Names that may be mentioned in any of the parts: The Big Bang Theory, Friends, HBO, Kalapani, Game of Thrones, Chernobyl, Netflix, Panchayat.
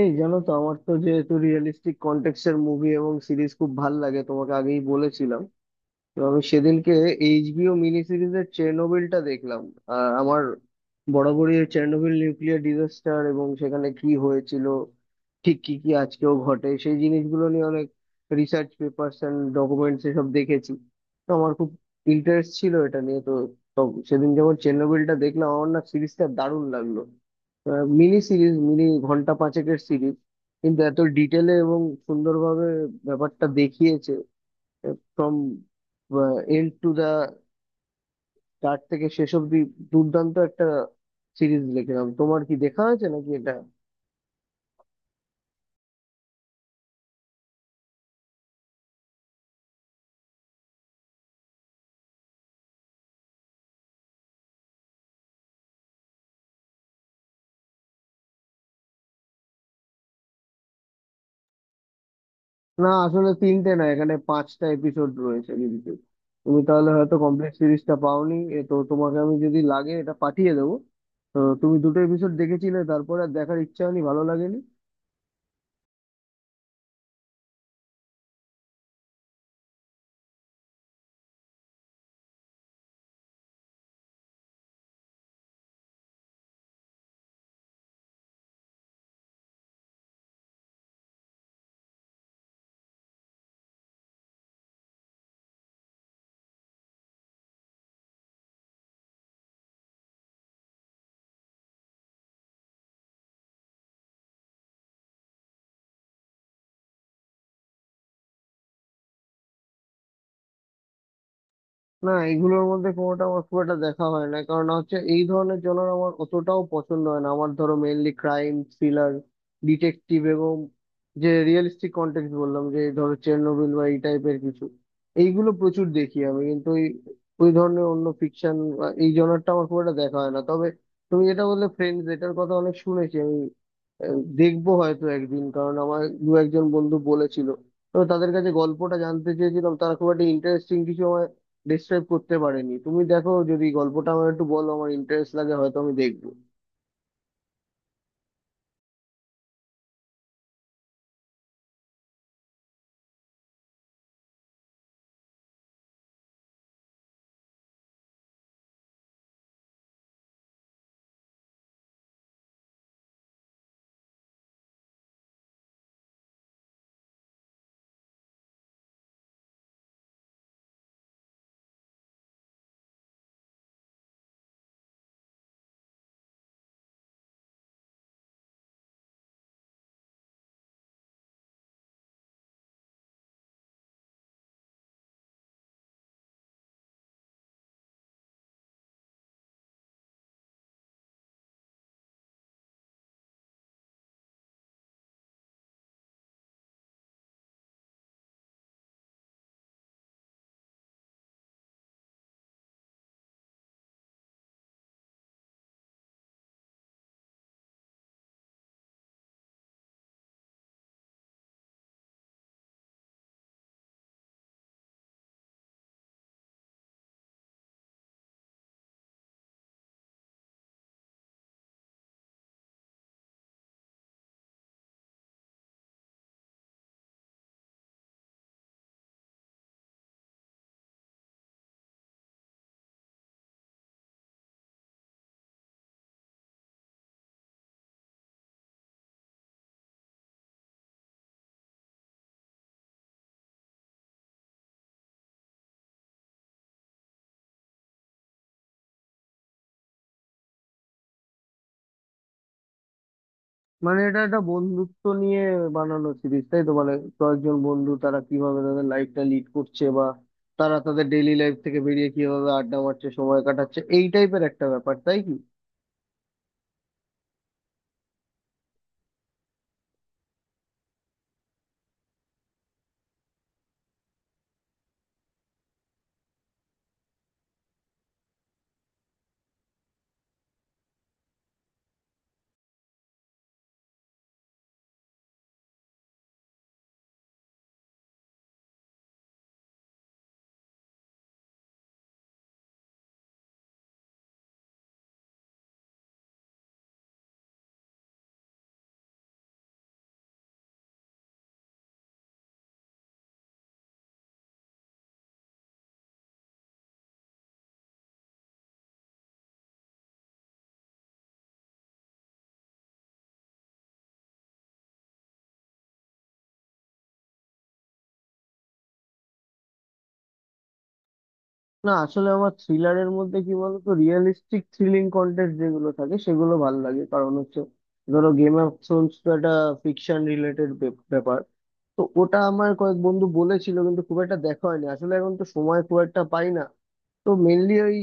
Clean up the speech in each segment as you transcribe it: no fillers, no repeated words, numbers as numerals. এই জানো তো, আমার তো যেহেতু রিয়েলিস্টিক কন্টেক্সট এর মুভি এবং সিরিজ খুব ভাল লাগে, তোমাকে আগেই বলেছিলাম। তো আমি সেদিনকে এইচবিও মিনি সিরিজের চেরনোবিলটা দেখলাম। আমার বরাবরই এই চেরনোবিল নিউক্লিয়ার ডিজাস্টার এবং সেখানে কি হয়েছিল, ঠিক কি কি আজকেও ঘটে, সেই জিনিসগুলো নিয়ে অনেক রিসার্চ পেপারস এন্ড ডকুমেন্টস এসব দেখেছি। তো আমার খুব ইন্টারেস্ট ছিল এটা নিয়ে। তো তো সেদিন যখন চেরনোবিলটা দেখলাম, আমার না সিরিজটা দারুণ লাগলো। মিনি সিরিজ, মিনি ঘন্টা পাঁচেকের সিরিজ, কিন্তু এত ডিটেলে এবং সুন্দরভাবে ব্যাপারটা দেখিয়েছে। From end to the, start থেকে শেষ অব্দি দুর্দান্ত একটা সিরিজ দেখলাম। তোমার কি দেখা হয়েছে নাকি এটা? না আসলে তিনটে না, এখানে পাঁচটা এপিসোড রয়েছে, কিন্তু তুমি তাহলে হয়তো কমপ্লিট সিরিজটা পাওনি। এ তো তোমাকে আমি, যদি লাগে, এটা পাঠিয়ে দেবো। তো তুমি দুটো এপিসোড দেখেছিলে, তারপরে আর দেখার ইচ্ছা হয়নি? ভালো লাগেনি? না, এগুলোর মধ্যে কোনোটা আমার খুব একটা দেখা হয় না, কারণ হচ্ছে এই ধরনের জনর আমার অতটাও পছন্দ হয় না। আমার ধরো মেইনলি ক্রাইম থ্রিলার, ডিটেকটিভ এবং যে রিয়েলিস্টিক কন্টেক্সট বললাম, যে ধরো চেরনোবিল বা এই টাইপের কিছু, এইগুলো প্রচুর দেখি আমি। কিন্তু ওই ওই ধরনের অন্য ফিকশন, এই জনরটা আমার খুব একটা দেখা হয় না। তবে তুমি যেটা বললে, ফ্রেন্ডস, এটার কথা অনেক শুনেছি আমি। দেখবো হয়তো একদিন, কারণ আমার দু একজন বন্ধু বলেছিল। তো তাদের কাছে গল্পটা জানতে চেয়েছিলাম, তারা খুব একটা ইন্টারেস্টিং কিছু আমার ডিসক্রাইব করতে পারেনি। তুমি দেখো, যদি গল্পটা আমার একটু বলো, আমার ইন্টারেস্ট লাগে, হয়তো আমি দেখবো। মানে এটা একটা বন্ধুত্ব নিয়ে বানানো সিরিজ, তাই তো? মানে কয়েকজন বন্ধু তারা কিভাবে তাদের লাইফটা লিড করছে, বা তারা তাদের ডেইলি লাইফ থেকে বেরিয়ে কিভাবে আড্ডা মারছে, সময় কাটাচ্ছে, এই টাইপের একটা ব্যাপার, তাই কি? না আসলে আমার থ্রিলারের মধ্যে কি বলতো, রিয়েলিস্টিক থ্রিলিং কন্টেন্ট যেগুলো থাকে সেগুলো ভালো লাগে, কারণ হচ্ছে ধরো গেম অফ থ্রোনস তো একটা ফিকশন রিলেটেড ব্যাপার। তো ওটা আমার কয়েক বন্ধু বলেছিল, কিন্তু খুব একটা দেখা হয়নি আসলে, এখন তো সময় খুব একটা পাই না। তো মেনলি ওই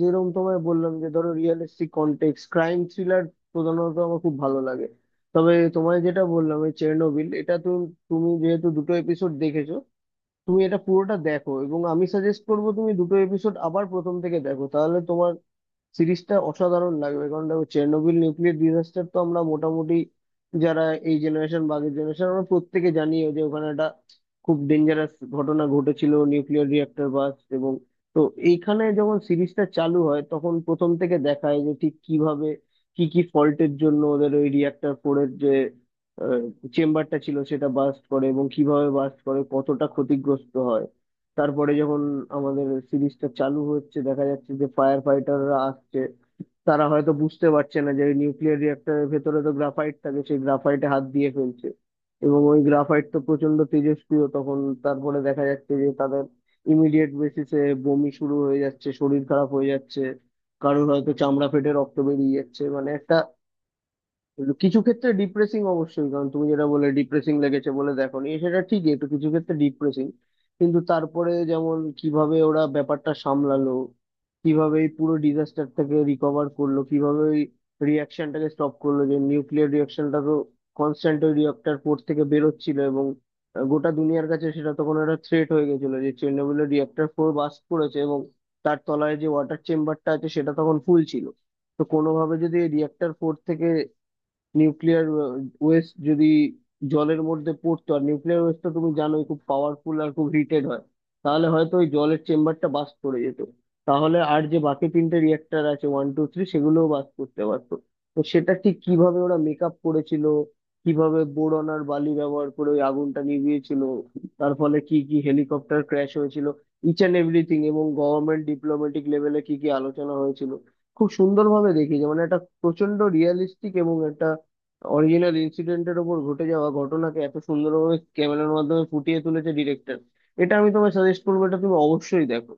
যেরকম তোমায় বললাম, যে ধরো রিয়েলিস্টিক কন্টেক্সট ক্রাইম থ্রিলার প্রধানত আমার খুব ভালো লাগে। তবে তোমায় যেটা বললাম, এই চেরনোবিল, এটা তো, তুমি যেহেতু দুটো এপিসোড দেখেছো, তুমি এটা পুরোটা দেখো, এবং আমি সাজেস্ট করবো তুমি দুটো এপিসোড আবার প্রথম থেকে দেখো, তাহলে তোমার সিরিজটা অসাধারণ লাগবে। কারণ দেখো, চেরনোবিল নিউক্লিয়ার ডিজাস্টার তো আমরা মোটামুটি যারা এই জেনারেশন বা আগের জেনারেশন, আমরা প্রত্যেকে জানি যে ওখানে একটা খুব ডেঞ্জারাস ঘটনা ঘটেছিল, নিউক্লিয়ার রিয়েক্টর বাস্ট এবং, তো এইখানে যখন সিরিজটা চালু হয় তখন প্রথম থেকে দেখায় যে ঠিক কিভাবে, কি কি ফল্টের জন্য ওদের ওই রিয়েক্টর ফোরের যে চেম্বারটা ছিল সেটা বাস্ট করে, এবং কিভাবে বাস্ট করে, কতটা ক্ষতিগ্রস্ত হয়। তারপরে যখন আমাদের সিরিজটা চালু হচ্ছে, দেখা যাচ্ছে যে ফায়ার ফাইটাররা আসছে, তারা হয়তো বুঝতে পারছে না যে নিউক্লিয়ার রিয়েক্টরের ভেতরে তো গ্রাফাইট থাকে, সেই গ্রাফাইটে হাত দিয়ে ফেলছে, এবং ওই গ্রাফাইট তো প্রচন্ড তেজস্ক্রিয় তখন। তারপরে দেখা যাচ্ছে যে তাদের ইমিডিয়েট বেসিসে বমি শুরু হয়ে যাচ্ছে, শরীর খারাপ হয়ে যাচ্ছে, কারোর হয়তো চামড়া ফেটে রক্ত বেরিয়ে যাচ্ছে, মানে একটা, কিন্তু কিছু ক্ষেত্রে ডিপ্রেসিং অবশ্যই, কারণ তুমি যেটা বলে ডিপ্রেসিং লেগেছে বলে দেখো নি, সেটা ঠিকই, একটু কিছু ক্ষেত্রে ডিপ্রেসিং। কিন্তু তারপরে যেমন কিভাবে ওরা ব্যাপারটা সামলালো, কিভাবে এই পুরো ডিজাস্টারটাকে রিকভার করলো, কিভাবে ওই রিয়াকশনটাকে স্টপ করলো, যে নিউক্লিয়ার রিয়াকশনটা তো কনস্ট্যান্ট ওই রিয়েক্টর পোর্ট থেকে বেরোচ্ছিল, এবং গোটা দুনিয়ার কাছে সেটা তখন একটা থ্রেট হয়ে গেছিল, যে চেরনোবিলের রিয়েক্টর ফোর বাস্ট করেছে, এবং তার তলায় যে ওয়াটার চেম্বারটা আছে সেটা তখন ফুল ছিল। তো কোনোভাবে যদি রিয়েক্টর ফোর থেকে নিউক্লিয়ার ওয়েস্ট যদি জলের মধ্যে পড়তো, আর নিউক্লিয়ার ওয়েস্ট তো তুমি জানোই খুব পাওয়ারফুল আর খুব হিটেড হয়, তাহলে হয়তো ওই জলের চেম্বারটা বাস্ট করে যেত। তাহলে আর যে বাকি তিনটে রিয়েক্টর আছে, ওয়ান টু থ্রি, সেগুলোও বাস্ট করতে পারতো। তো সেটা ঠিক কিভাবে ওরা মেকআপ করেছিল, কিভাবে বোরন আর বালি ব্যবহার করে ওই আগুনটা নিভিয়েছিল, তার ফলে কি কি হেলিকপ্টার ক্র্যাশ হয়েছিল, ইচ অ্যান্ড এভরিথিং, এবং গভর্নমেন্ট ডিপ্লোম্যাটিক লেভেলে কি কি আলোচনা হয়েছিল, খুব সুন্দরভাবে দেখিয়েছে। মানে একটা প্রচন্ড রিয়েলিস্টিক এবং একটা অরিজিনাল ইনসিডেন্টের ওপর ঘটে যাওয়া ঘটনাকে এত সুন্দরভাবে ক্যামেরার মাধ্যমে ফুটিয়ে তুলেছে ডিরেক্টর। এটা আমি তোমায় সাজেস্ট করবো, এটা তুমি অবশ্যই দেখো।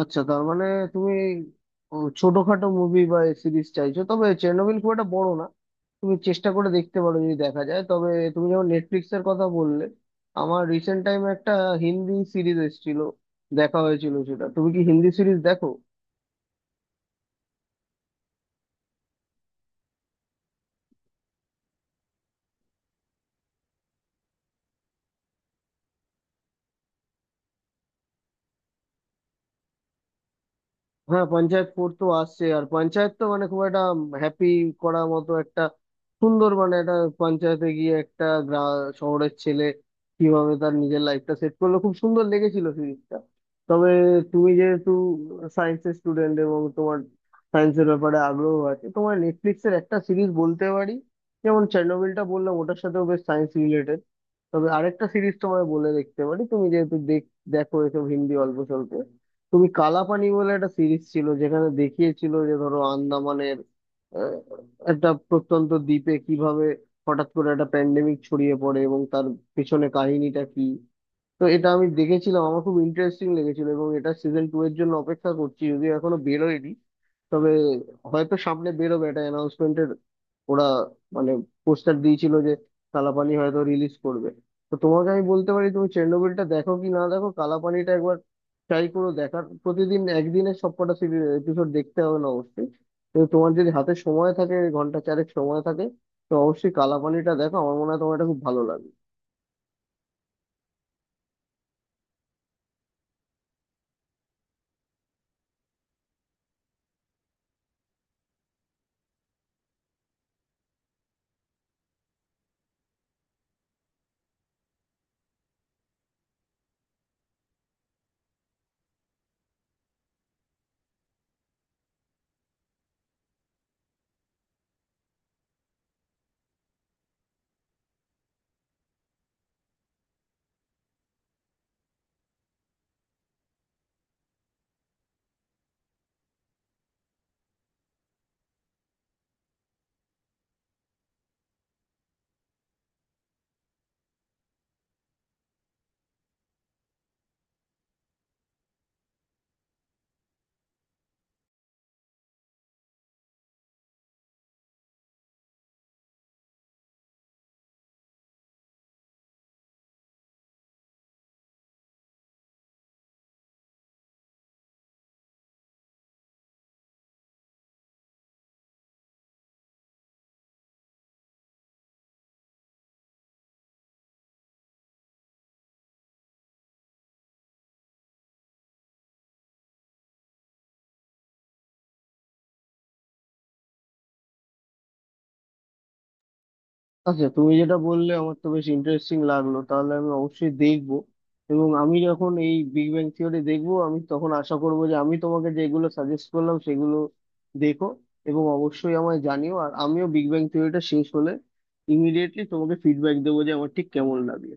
আচ্ছা, তার মানে তুমি, ও, ছোটখাটো মুভি বা সিরিজ চাইছো। তবে চেরনোবিল খুব একটা বড় না, তুমি চেষ্টা করে দেখতে পারো, যদি দেখা যায় তবে। তুমি যখন নেটফ্লিক্স এর কথা বললে, আমার রিসেন্ট টাইমে একটা হিন্দি সিরিজ এসেছিল, দেখা হয়েছিল সেটা। তুমি কি হিন্দি সিরিজ দেখো? হ্যাঁ, পঞ্চায়েত ফোর্ড তো আসছে, আর পঞ্চায়েত তো মানে খুব একটা হ্যাপি করার মতো একটা সুন্দর, মানে একটা পঞ্চায়েতে গিয়ে একটা শহরের ছেলে কিভাবে তার নিজের লাইফটা সেট করলো, খুব সুন্দর লেগেছিল সিরিজটা। তবে তুমি যেহেতু সায়েন্সের স্টুডেন্ট এবং তোমার সায়েন্সের ব্যাপারে আগ্রহ আছে, তোমার নেটফ্লিক্সের একটা সিরিজ বলতে পারি। যেমন চেরনোবিলটা বললাম, ওটার সাথেও বেশ সায়েন্স রিলেটেড, তবে আরেকটা সিরিজ তোমায় বলে দেখতে পারি, তুমি যেহেতু দেখ, দেখো এসব হিন্দি অল্প স্বল্প। তুমি কালাপানি বলে একটা সিরিজ ছিল, যেখানে দেখিয়েছিল যে ধরো আন্দামানের আহ, একটা প্রত্যন্ত দ্বীপে কিভাবে হঠাৎ করে একটা প্যান্ডেমিক ছড়িয়ে পড়ে, এবং তার পেছনে কাহিনীটা কি। তো এটা আমি দেখেছিলাম, আমার খুব ইন্টারেস্টিং লেগেছিল, এবং এটা সিজন টু এর জন্য অপেক্ষা করছি, যদিও এখনো বেরোয়নি। তবে হয়তো সামনে বেরোবে, এটা অ্যানাউন্সমেন্টের, ওরা মানে পোস্টার দিয়েছিল যে কালাপানি হয়তো রিলিজ করবে। তো তোমাকে আমি বলতে পারি, তুমি চেরনোবিলটা দেখো কি না দেখো, কালাপানিটা একবার ট্রাই করো দেখার। প্রতিদিন একদিনে সবকটা এপিসোড দেখতে হবে না অবশ্যই। তো তোমার যদি হাতে সময় থাকে, ঘন্টা চারেক সময় থাকে, তো অবশ্যই কালাপানিটা দেখো, আমার মনে হয় তোমার এটা খুব ভালো লাগবে। আচ্ছা, তুমি যেটা বললে আমার তো বেশ ইন্টারেস্টিং লাগলো, তাহলে আমি অবশ্যই দেখবো। এবং আমি যখন এই বিগ ব্যাং থিওরি দেখবো, আমি তখন আশা করবো যে আমি তোমাকে যেগুলো সাজেস্ট করলাম সেগুলো দেখো, এবং অবশ্যই আমায় জানিও। আর আমিও বিগ ব্যাং থিওরিটা শেষ হলে ইমিডিয়েটলি তোমাকে ফিডব্যাক দেবো যে আমার ঠিক কেমন লাগলো।